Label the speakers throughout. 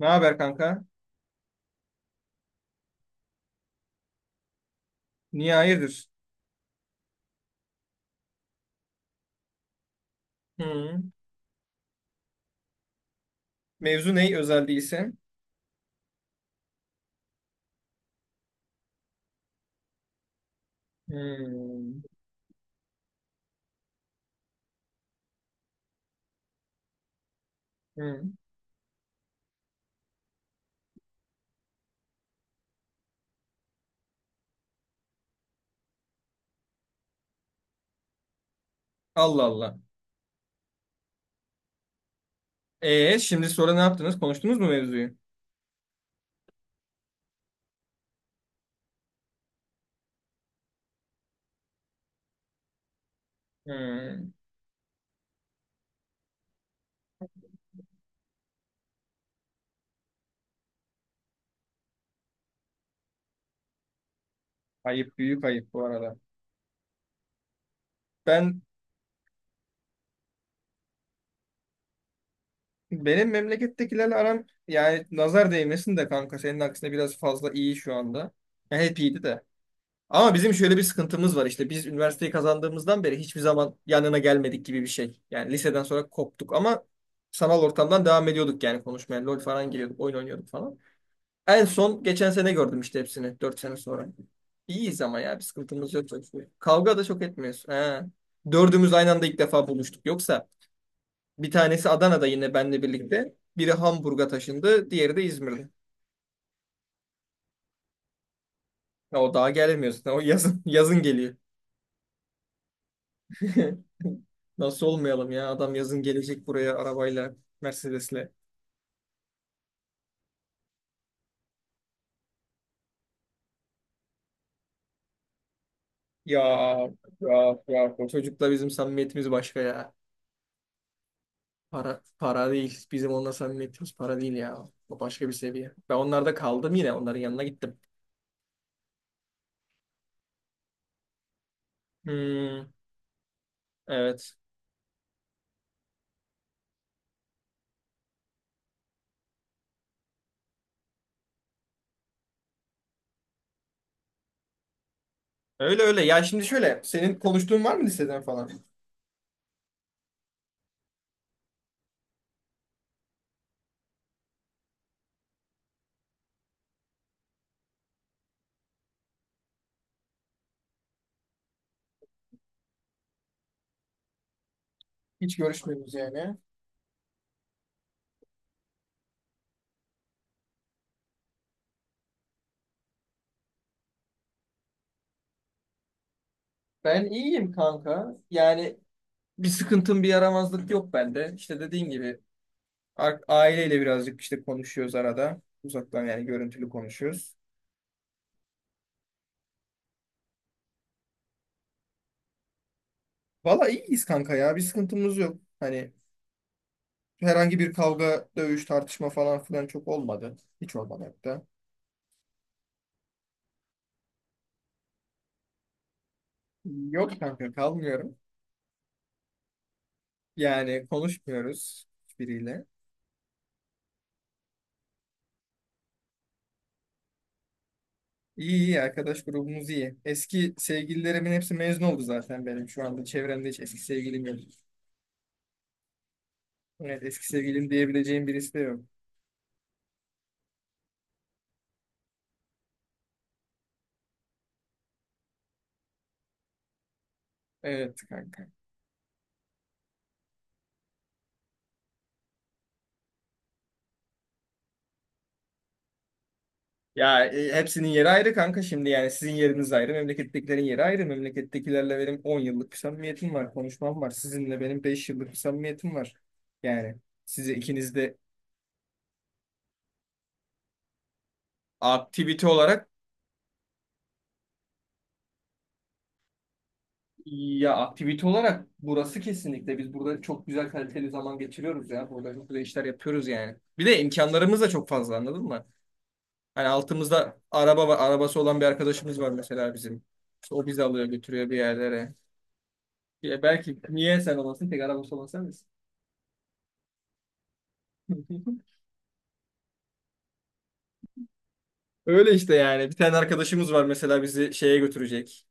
Speaker 1: Ne haber kanka? Niye hayırdır? Hı. Mevzu ne özel değilse? Hı. Hı. Allah Allah. E şimdi sonra ne yaptınız? Konuştunuz mu mevzuyu? Hı. Ayıp, büyük ayıp bu arada. Ben benim memlekettekilerle aram yani nazar değmesin de kanka senin aksine biraz fazla iyi şu anda. Ya hep iyiydi de. Ama bizim şöyle bir sıkıntımız var işte, biz üniversiteyi kazandığımızdan beri hiçbir zaman yanına gelmedik gibi bir şey. Yani liseden sonra koptuk ama sanal ortamdan devam ediyorduk yani konuşmaya. LOL falan giriyorduk, oyun oynuyorduk falan. En son geçen sene gördüm işte hepsini 4 sene sonra. İyiyiz ama ya, bir sıkıntımız yok, çok şükür. Kavga da çok etmiyoruz. He. Dördümüz aynı anda ilk defa buluştuk. Yoksa bir tanesi Adana'da yine benle birlikte. Biri Hamburg'a taşındı, diğeri de İzmir'de. Ya, o daha gelemiyor zaten. O yazın, yazın geliyor. Nasıl olmayalım ya? Adam yazın gelecek buraya arabayla, Mercedes'le. Ya, ya, ya. O çocukla bizim samimiyetimiz başka ya. Para, para değil. Bizim onunla samimiyetimiz para değil ya. O başka bir seviye. Ben onlarda kaldım yine. Onların yanına gittim. Hmm, evet. Öyle öyle. Ya şimdi şöyle, senin konuştuğun var mı liseden falan? Hiç görüşmüyoruz yani. Ben iyiyim kanka. Yani bir sıkıntım, bir yaramazlık yok bende. İşte dediğin gibi aileyle birazcık işte konuşuyoruz arada. Uzaktan yani, görüntülü konuşuyoruz. Valla iyiyiz kanka ya. Bir sıkıntımız yok. Hani herhangi bir kavga, dövüş, tartışma falan filan çok olmadı. Hiç olmadı hatta. Yok kanka, kalmıyorum. Yani konuşmuyoruz hiçbiriyle. İyi iyi, arkadaş grubumuz iyi. Eski sevgililerimin hepsi mezun oldu zaten benim. Şu anda çevremde hiç eski sevgilim yok. Evet, eski sevgilim diyebileceğim birisi de yok. Evet kanka. Ya hepsinin yeri ayrı kanka, şimdi yani sizin yeriniz ayrı, memlekettekilerin yeri ayrı. Memlekettekilerle benim 10 yıllık bir samimiyetim var, konuşmam var. Sizinle benim 5 yıllık bir samimiyetim var. Yani size ikiniz de aktivite olarak, ya aktivite olarak burası kesinlikle, biz burada çok güzel kaliteli zaman geçiriyoruz ya. Burada çok güzel işler yapıyoruz yani. Bir de imkanlarımız da çok fazla, anladın mı? Hani altımızda araba var, arabası olan bir arkadaşımız var mesela bizim. İşte o bizi alıyor, götürüyor bir yerlere. Ya belki, niye sen olasın tek arabası olan, sen. Öyle işte yani. Bir tane arkadaşımız var mesela bizi şeye götürecek.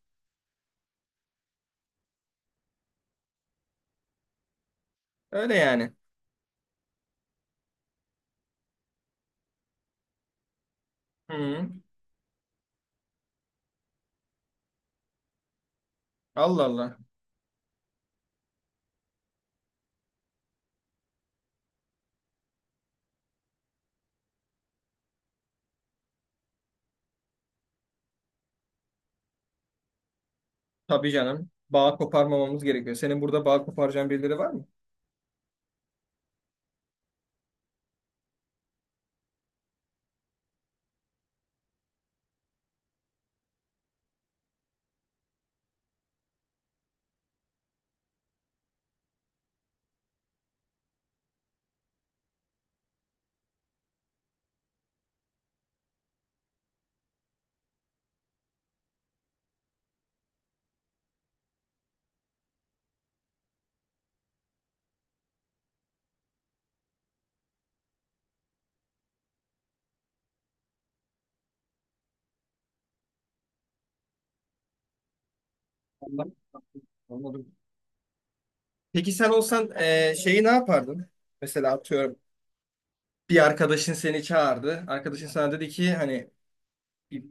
Speaker 1: Öyle yani. Hı. Allah Allah. Tabii canım. Bağ koparmamamız gerekiyor. Senin burada bağ koparacağın birileri var mı? Allah. Anladım. Peki sen olsan şeyi ne yapardın? Mesela atıyorum, bir arkadaşın seni çağırdı. Arkadaşın sana dedi ki hani bir-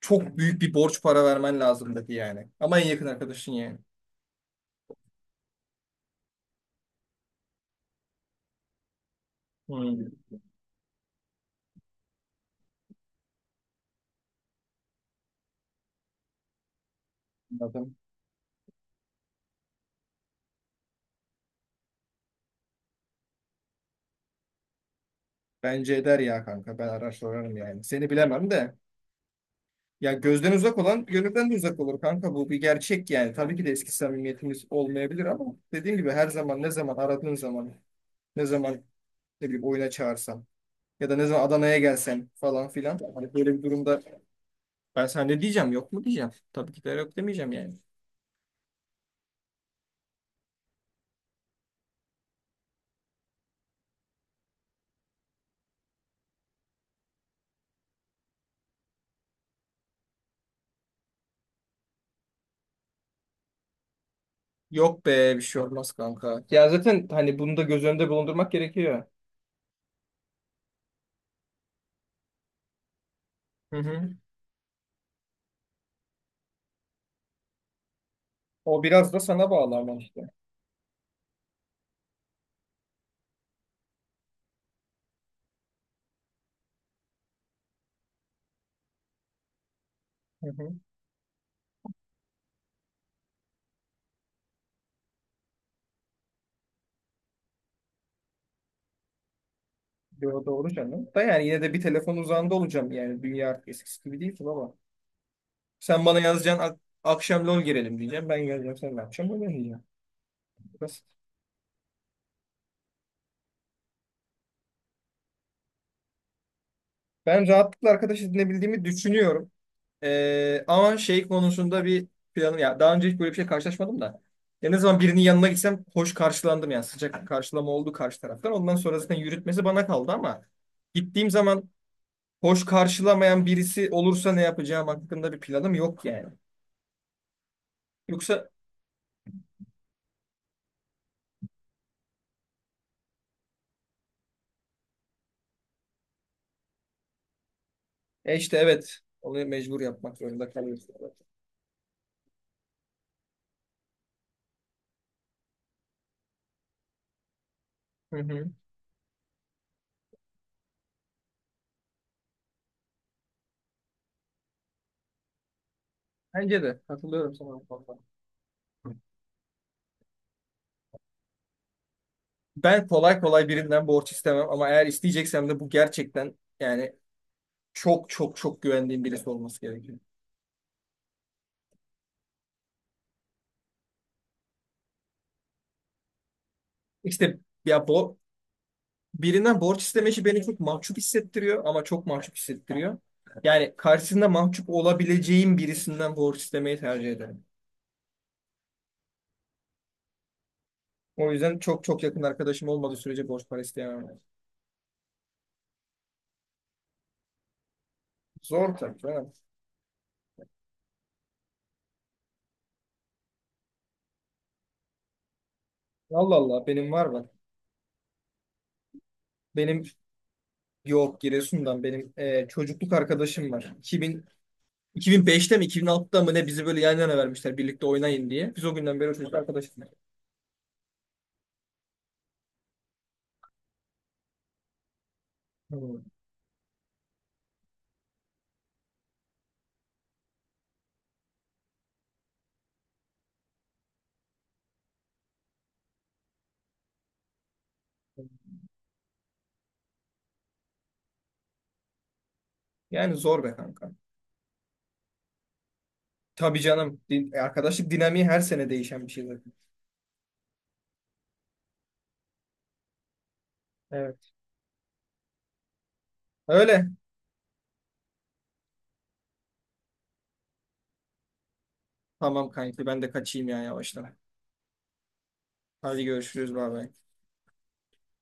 Speaker 1: çok büyük bir borç para vermen lazım dedi yani. Ama en yakın arkadaşın yani. Bence eder ya kanka. Ben araştırırım yani. Seni bilemem de. Ya gözden uzak olan gönülden de uzak olur kanka, bu bir gerçek yani. Tabii ki de eski samimiyetimiz olmayabilir ama dediğim gibi, her zaman ne zaman aradığın zaman, ne zaman ne bileyim oyuna çağırsam ya da ne zaman Adana'ya gelsen falan filan. Hani böyle bir durumda ben sana ne diyeceğim, yok mu diyeceğim? Tabii ki de yok demeyeceğim yani. Yok be, bir şey olmaz kanka. Ya zaten hani bunu da göz önünde bulundurmak gerekiyor. Hı hı. O biraz da sana bağlı ama işte. Hı hı. Yo, doğru canım. Da yani yine de bir telefon uzağında olacağım yani. Dünya eskisi gibi değil ama. Sen bana yazacaksın, akşam LOL girelim diyeceğim. Ben geleceğim, sen ne yapacaksın? Öyle diyeceğim. Basit. Ben rahatlıkla arkadaş edinebildiğimi düşünüyorum. Ama şey konusunda bir planım ya. Daha önce hiç böyle bir şey karşılaşmadım da. Ya ne zaman birinin yanına gitsem hoş karşılandım yani. Sıcak karşılama oldu karşı taraftan. Ondan sonra zaten yürütmesi bana kaldı ama gittiğim zaman hoş karşılamayan birisi olursa ne yapacağım hakkında bir planım yok yani. Yoksa işte evet. Onu mecbur yapmak zorunda kalıyorsun. Hı hı. Bence de. Katılıyorum sana bu konuda. Ben kolay kolay birinden borç istemem ama eğer isteyeceksem de bu gerçekten yani çok çok çok güvendiğim birisi olması gerekiyor. İşte ya, bu birinden borç isteme işi beni çok mahcup hissettiriyor, ama çok mahcup hissettiriyor. Yani karşısında mahcup olabileceğim birisinden borç istemeyi tercih ederim. O yüzden çok çok yakın arkadaşım olmadığı sürece borç para isteyemem. Zor tabii canım. Allah Allah, benim var bak. Benim Yok, Giresun'dan benim çocukluk arkadaşım var. 2000, 2005'te mi 2006'da mı ne, bizi böyle yan yana vermişler birlikte oynayın diye. Biz o günden beri o, çocukluk arkadaşız. Hmm. Yani zor be kanka. Tabii canım. Arkadaşlık dinamiği her sene değişen bir şey zaten. Evet. Öyle. Tamam kanki, ben de kaçayım ya yavaştan. Hadi görüşürüz, bay bay.